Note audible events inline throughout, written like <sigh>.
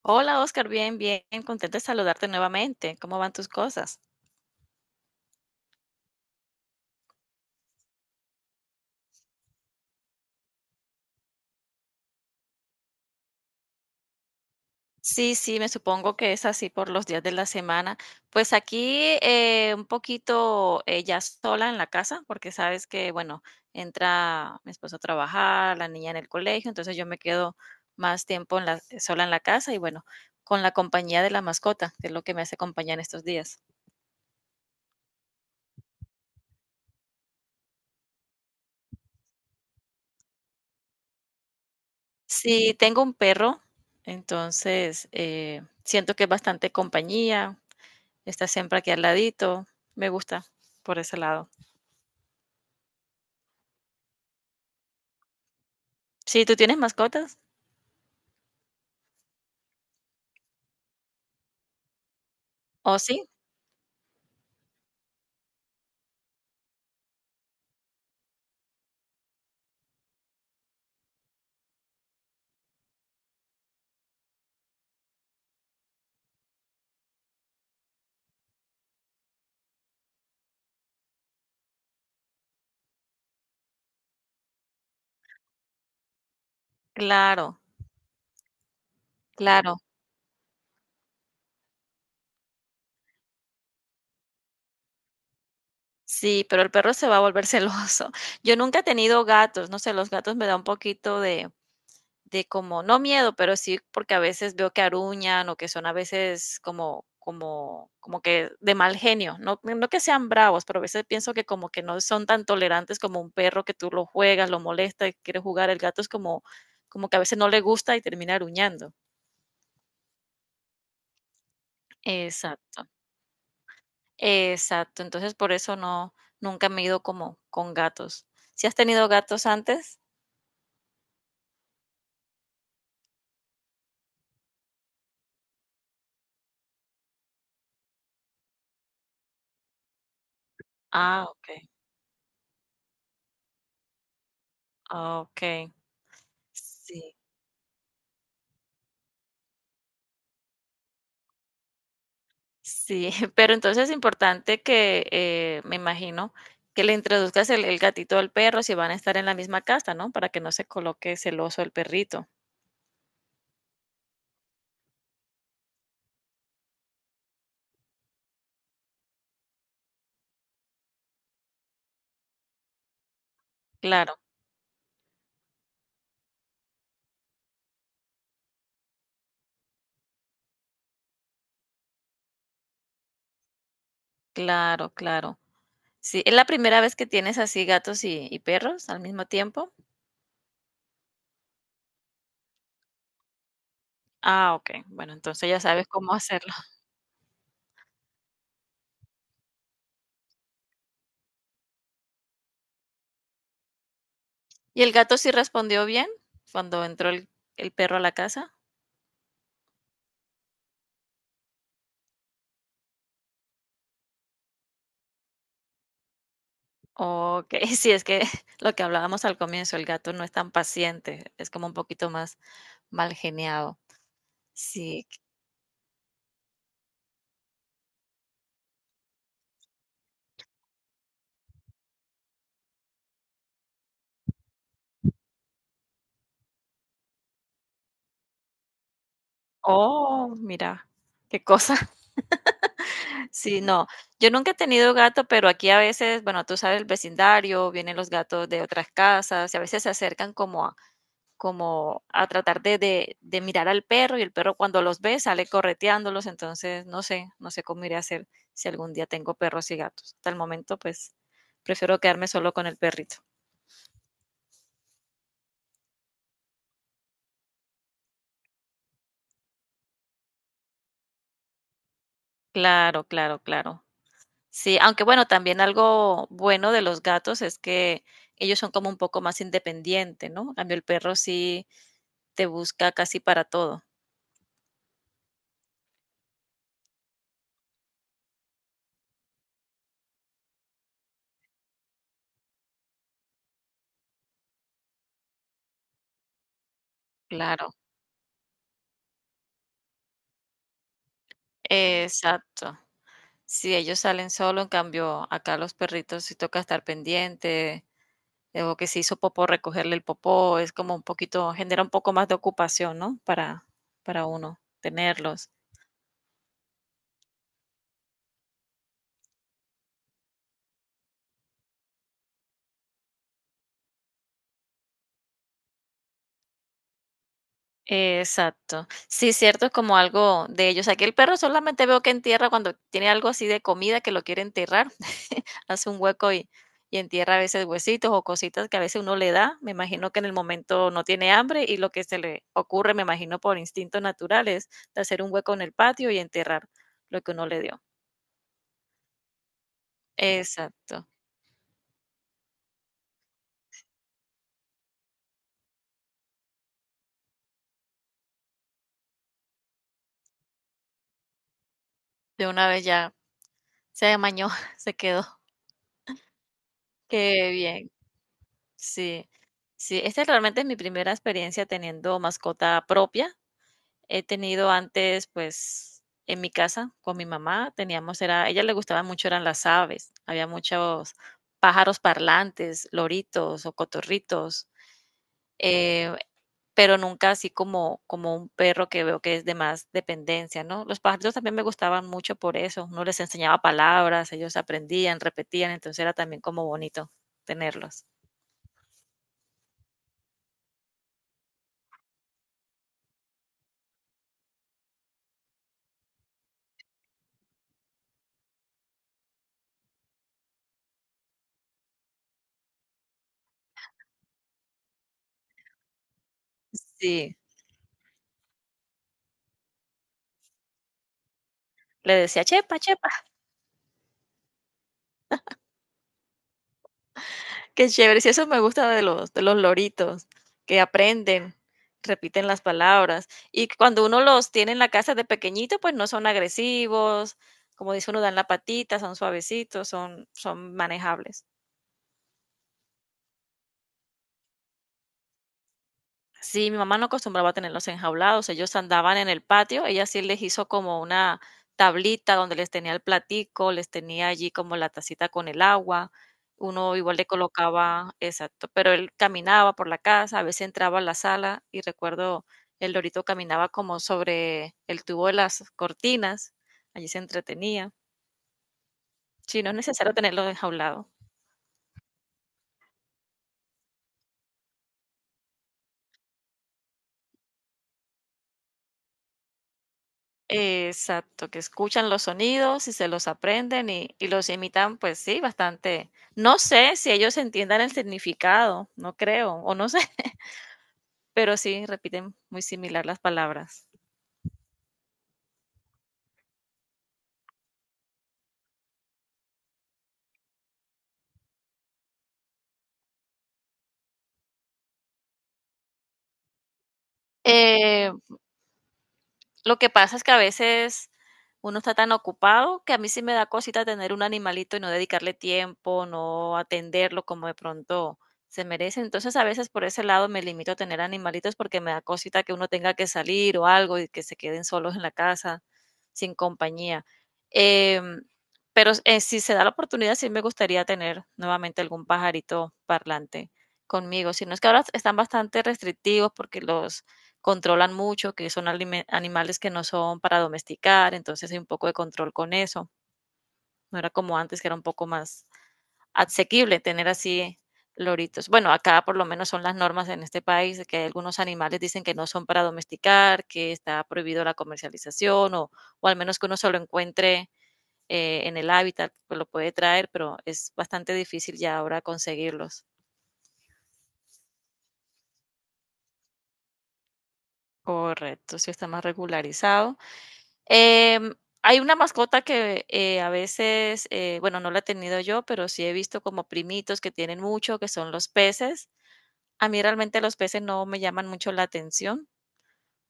Hola Oscar, bien, bien, contenta de saludarte nuevamente. ¿Cómo van tus cosas? Sí, sí, me supongo que es así por los días de la semana. Pues aquí un poquito, ya sola en la casa, porque sabes que, bueno, entra mi esposo a trabajar, la niña en el colegio, entonces yo me quedo más tiempo en sola en la casa y bueno, con la compañía de la mascota, que es lo que me hace compañía en estos días. Sí, tengo un perro, entonces siento que es bastante compañía. Está siempre aquí al ladito. Me gusta por ese lado. Sí, ¿tú tienes mascotas? ¿Oh, sí? Claro, claro. Sí, pero el perro se va a volver <laughs> celoso. Yo nunca he tenido gatos, no sé, los gatos me da un poquito de como, no miedo, pero sí, porque a veces veo que aruñan o que son a veces como que de mal genio, no, no que sean bravos, pero a veces pienso que como que no son tan tolerantes como un perro que tú lo juegas, lo molesta, quiere jugar, el gato es como como que a veces no le gusta y termina aruñando. Exacto, exacto. Entonces, por eso no, nunca me he ido como con gatos. ¿Si has tenido gatos antes? Ah, okey, okey. Sí, sí, <laughs> pero entonces es importante que, me imagino, que le introduzcas el gatito al perro si van a estar en la misma casa, ¿no? Para que no se coloque celoso el perrito. Claro, claro, claro. Sí, ¿es la primera vez que tienes así gatos y perros al mismo tiempo? Ah, okey. Bueno, entonces ya sabes cómo hacerlo. ¿Y el gato sí respondió bien cuando entró el perro a la casa? Ok, <laughs> sí, es que <laughs> lo que hablábamos al comienzo, el gato no es tan paciente, es como un poquito más mal geniado. Sí. Oh, mira, qué cosa. <laughs> Sí, no. Yo nunca he tenido gato, pero aquí a a veces, veces bueno, tú sabes el vecindario, vienen los gatos de otras casas y a veces se acercan como a, como a tratar de mirar al perro, y el perro cuando los ve sale correteándolos, entonces no sé, no sé cómo iré a hacer si algún día tengo perros y gatos. Hasta el momento pues prefiero quedarme solo con el perrito. Claro, claro, claro. Sí, aunque bueno, también algo bueno de los gatos es que ellos son como un poco más independientes, ¿no? En cambio, el perro sí te busca casi para todo. Claro, exacto. Si ellos salen solo, en cambio, acá los perritos sí toca estar pendiente, o que se hizo popó, recogerle el popó, es como un poquito, genera un poco más de ocupación, ¿no? Para uno tenerlos. Exacto. Sí, cierto, es como algo de ellos. Aquí el perro solamente veo que entierra cuando tiene algo así de comida que lo quiere enterrar, <laughs> hace un hueco y entierra a veces huesitos o cositas que a veces uno le da. Me imagino que en el momento no tiene hambre y lo que se le ocurre, me imagino por instinto natural, es de hacer un hueco en el patio y enterrar lo que uno le dio. Exacto. De una vez ya se amañó, <laughs> se quedó. Qué bien. Sí, sí, esta realmente es mi primera experiencia teniendo mascota propia. He tenido antes, pues, en mi casa con mi mamá, teníamos, era, a ella le gustaban mucho, eran las aves. Había muchos pájaros parlantes, loritos o cotorritos. eh, pero nunca así como, como un perro que veo que es de más dependencia, ¿no? Los pajaritos también me gustaban mucho por eso, uno les enseñaba palabras, ellos aprendían, repetían, entonces era también como bonito tenerlos. Sí, le decía, chepa, chepa, <laughs> qué chévere, sí, eso me gusta de los loritos, que aprenden, repiten las palabras, y cuando uno los tiene en la casa de pequeñito, pues no son agresivos, como dice uno, dan la patita, son suavecitos, son, son manejables. Sí, mi mamá no acostumbraba a tenerlos enjaulados, ellos andaban en el patio, ella sí les hizo como una tablita donde les tenía el platico, les tenía allí como la tacita con el agua, uno igual le colocaba, exacto, pero él caminaba por la casa, a veces entraba a la sala y recuerdo el lorito caminaba como sobre el tubo de las cortinas, allí se entretenía. Sí, no es necesario tenerlo enjaulado. Exacto, que escuchan los sonidos y se los aprenden y los imitan, pues sí, bastante. No sé si ellos entiendan el significado, no creo, o no sé, <laughs> pero sí repiten muy similar las palabras. Eh, Lo que pasa es que a veces uno está tan ocupado que a mí sí me da cosita tener un animalito y no dedicarle tiempo, no atenderlo como de pronto se merece. Entonces a veces por ese lado me limito a tener animalitos porque me da cosita que uno tenga que salir o algo y que se queden solos en la casa sin compañía. Em, pero, si se da la oportunidad, sí me gustaría tener nuevamente algún pajarito parlante conmigo. Si no es que ahora están bastante restrictivos porque los controlan mucho, que son alime- animales que no son para domesticar, entonces hay un poco de control con eso. No era como antes, que era un poco más asequible tener así loritos. Bueno, acá por lo menos son las normas en este país, de que hay algunos animales dicen que no son para domesticar, que está prohibido la comercialización o al menos que uno se lo encuentre en el hábitat, pues lo puede traer, pero es bastante difícil ya ahora conseguirlos. Correcto, sí está más regularizado. Em, Hay una mascota que a veces, bueno, no la he tenido yo, pero sí he visto como primitos que tienen mucho, que son los peces. A mí realmente los peces no me llaman mucho la atención,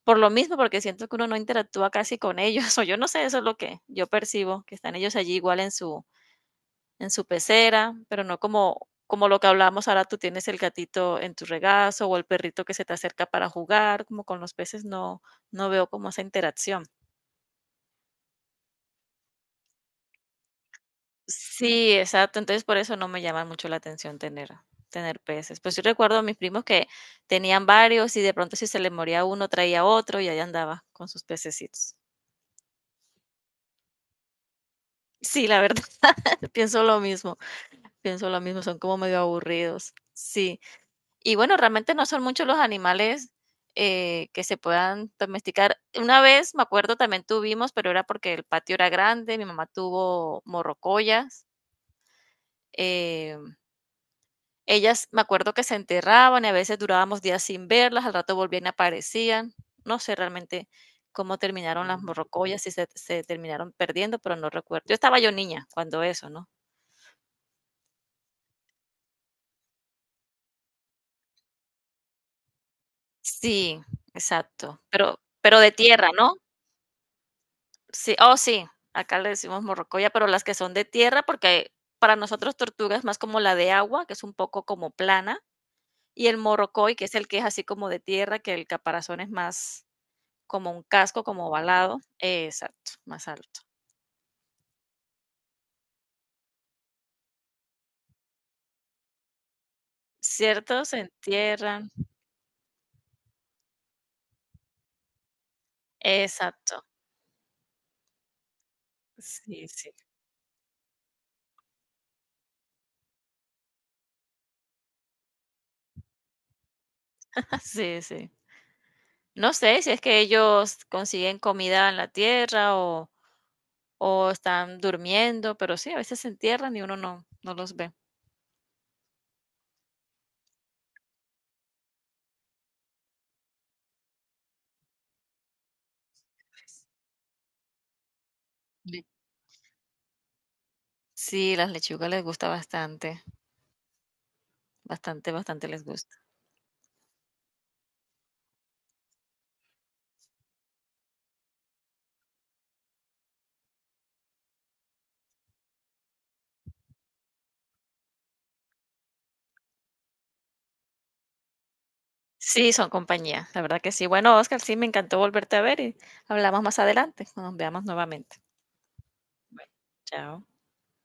por lo mismo, porque siento que uno no interactúa casi con ellos, <laughs> o yo no sé, eso es lo que yo percibo, que están ellos allí igual en su pecera, pero no como, como lo que hablamos ahora, tú tienes el gatito en tu regazo o el perrito que se te acerca para jugar, como con los peces no, no veo como esa interacción. Sí, exacto. Entonces, por eso no me llama mucho la atención tener peces. Pues, yo recuerdo a mis primos que tenían varios, y de pronto si se les moría uno, traía otro, y ahí andaba con sus pececitos. Sí, la verdad, <laughs> pienso lo mismo, pienso lo mismo, son como medio aburridos. Sí. Y bueno, realmente no son muchos los animales, que se puedan domesticar. Una vez, me acuerdo, también tuvimos, pero era porque el patio era grande, mi mamá tuvo morrocollas, eh, ellas, me acuerdo que se enterraban y a veces durábamos días sin verlas, al rato volvían y aparecían. No sé realmente cómo terminaron las morrocoyas, si se terminaron perdiendo, pero no recuerdo. Yo estaba yo niña cuando eso, ¿no? Sí, exacto, pero de tierra, ¿no? Sí, oh, sí, acá le decimos morrocoya, pero las que son de tierra, porque para nosotros tortuga es más como la de agua, que es un poco como plana, y el morrocoy, que es el que es así como de tierra, que el caparazón es más como un casco, como ovalado, exacto, más alto. Ciertos se entierran, exacto, sí, sí, <laughs> sí, sí. No sé si es que ellos consiguen comida en la tierra o están durmiendo, pero sí, a veces se entierran y uno no los ve. Le sí, las lechugas les gusta bastante, bastante, bastante les gusta. Sí, son compañía, la verdad que sí. Bueno, Oscar, sí, me encantó volverte a ver y hablamos más adelante, cuando nos veamos nuevamente. Chao.